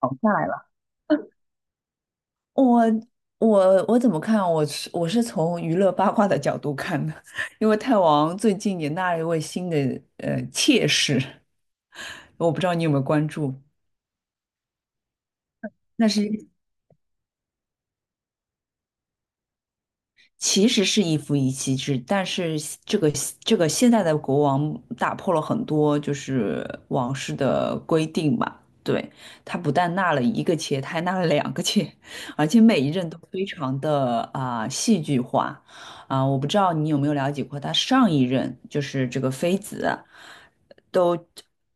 熬下来了。我我怎么看？我是从娱乐八卦的角度看的。因为泰王最近也纳了一位新的妾室，我不知道你有没有关注。那是一个其实是一夫一妻制，但是这个这个现在的国王打破了很多就是王室的规定吧。对，他不但纳了一个妾，他还纳了两个妾，而且每一任都非常的啊、戏剧化啊、我不知道你有没有了解过他上一任就是这个妃子。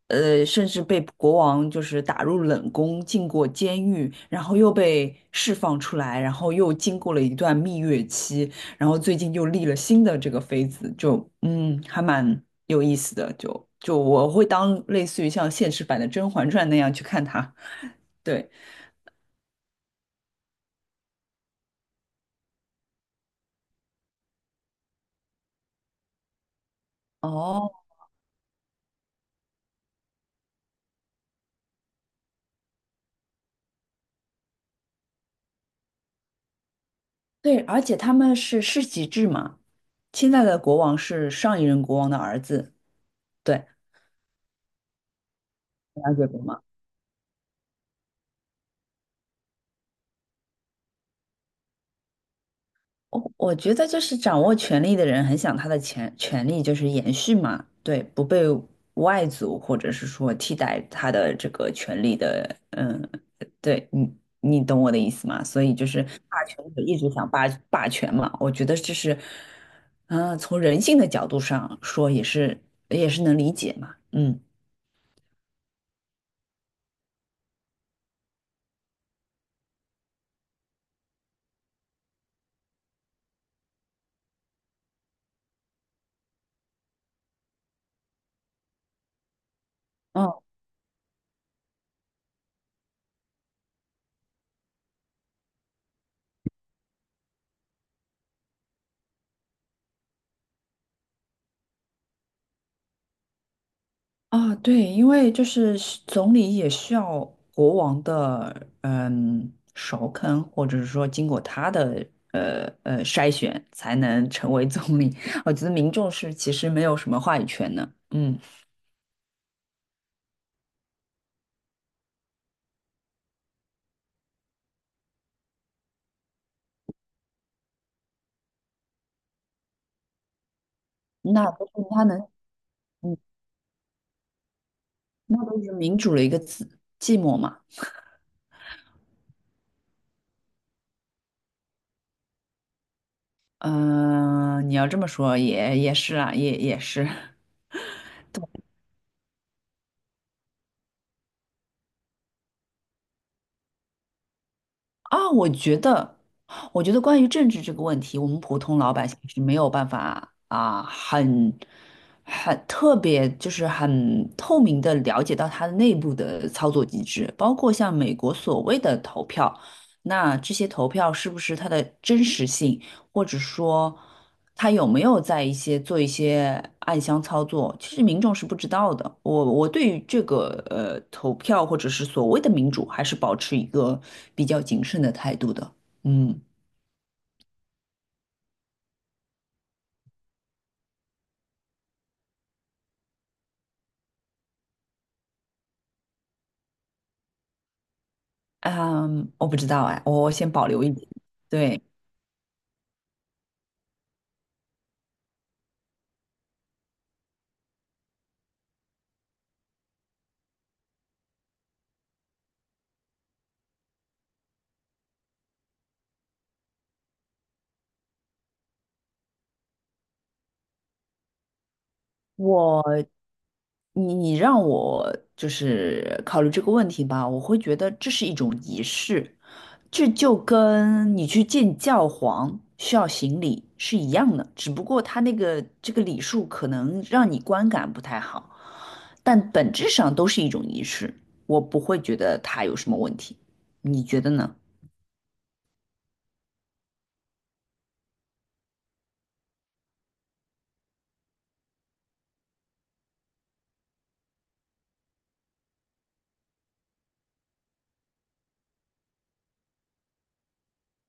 甚至被国王就是打入冷宫，进过监狱，然后又被释放出来，然后又经过了一段蜜月期，然后最近又立了新的这个妃子，就嗯，还蛮有意思的。就我会当类似于像现实版的《甄嬛传》那样去看它。对，哦，对，而且他们是世袭制嘛，现在的国王是上一任国王的儿子。对，了解过吗？我觉得就是掌握权力的人很想他的权力就是延续嘛，对，不被外族或者是说替代他的这个权利的，嗯，对你你懂我的意思吗？所以就是霸权者一直想霸权嘛，我觉得这是，嗯、从人性的角度上说也是能理解嘛，嗯。啊，对，因为就是总理也需要国王的嗯首肯，或者是说经过他的呃,筛选，才能成为总理。我觉得民众是其实没有什么话语权的，嗯，那不是他能，那都是民主的一个字，寂寞嘛。嗯、你要这么说也是啊，也是。啊，我觉得，我觉得关于政治这个问题，我们普通老百姓是没有办法啊，很很特别，就是很透明的了解到它的内部的操作机制，包括像美国所谓的投票，那这些投票是不是它的真实性？或者说他有没有在一些做一些暗箱操作，其实民众是不知道的。我对于这个投票或者是所谓的民主，还是保持一个比较谨慎的态度的。嗯嗯，我不知道哎，我先保留一点。对，我你你让我就是考虑这个问题吧，我会觉得这是一种仪式，这就跟你去见教皇需要行礼是一样的，只不过他那个这个礼数可能让你观感不太好，但本质上都是一种仪式，我不会觉得他有什么问题，你觉得呢？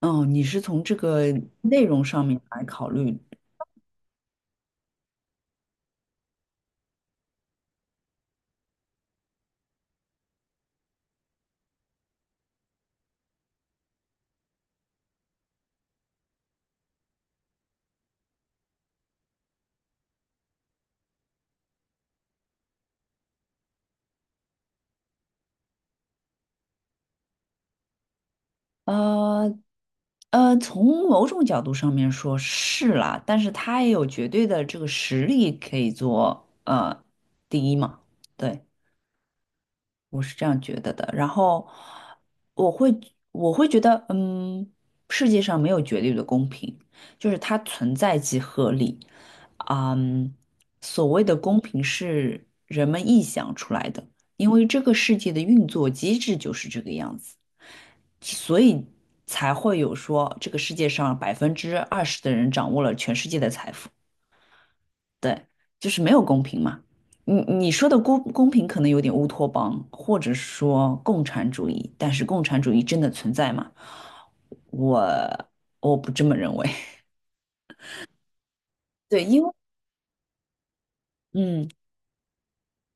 哦，你是从这个内容上面来考虑呃从某种角度上面说是啦，但是他也有绝对的这个实力可以做第一嘛，对，我是这样觉得的。然后我会我会觉得，嗯，世界上没有绝对的公平，就是它存在即合理。嗯，所谓的公平是人们臆想出来的，因为这个世界的运作机制就是这个样子。所以才会有说这个世界上20%的人掌握了全世界的财富，对，就是没有公平嘛。你你说的公平可能有点乌托邦，或者说共产主义，但是共产主义真的存在吗？我我不这么认为。对，因为嗯，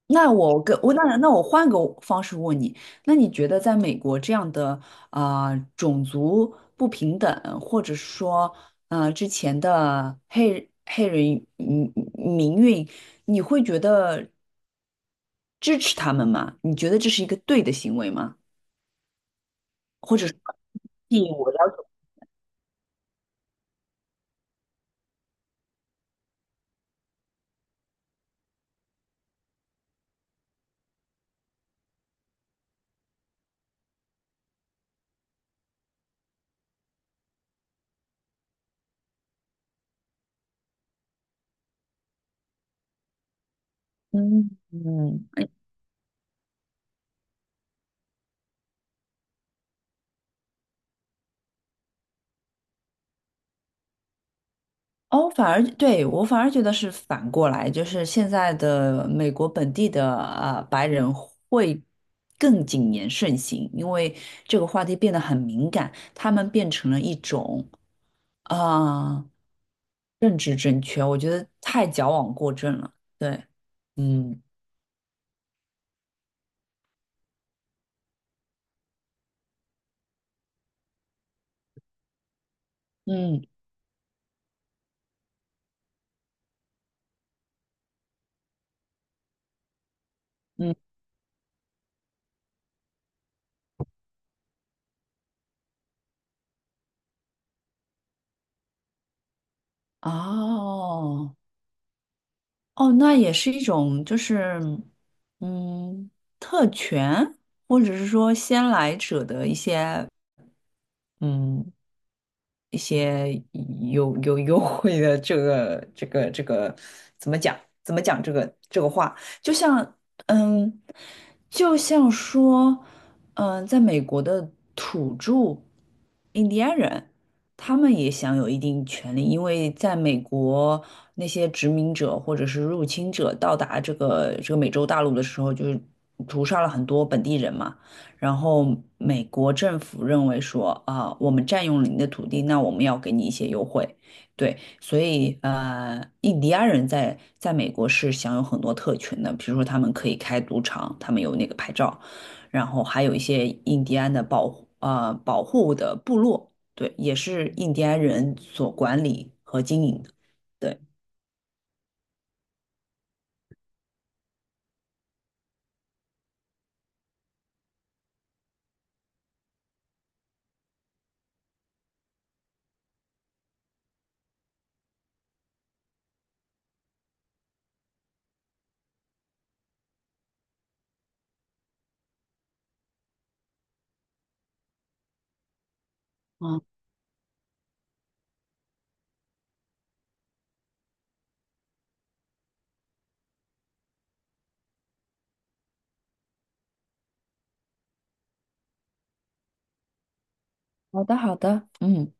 那我跟我那我换个方式问你，那你觉得在美国这样的啊、种族不平等，或者说啊之前的黑人嗯民运，你会觉得支持他们吗？你觉得这是一个对的行为吗？或者说，替我要求，嗯嗯。哦，反而对我反而觉得是反过来，就是现在的美国本地的白人会更谨言慎行，因为这个话题变得很敏感，他们变成了一种啊、呃政治正确，我觉得太矫枉过正了。对，嗯嗯嗯，哦哦，那也是一种就是嗯特权，或者是说先来者的一些。嗯，一些有有优惠的这个怎么讲？怎么讲这个话？就像嗯，就像说嗯，在美国的土著印第安人，他们也享有一定权利，因为在美国那些殖民者或者是入侵者到达这个美洲大陆的时候，就是屠杀了很多本地人嘛。然后美国政府认为说啊，我们占用了你的土地，那我们要给你一些优惠，对，所以呃，印第安人在美国是享有很多特权的，比如说他们可以开赌场，他们有那个牌照，然后还有一些印第安的保护保护的部落，对，也是印第安人所管理和经营的，对，嗯，好的，好的。嗯。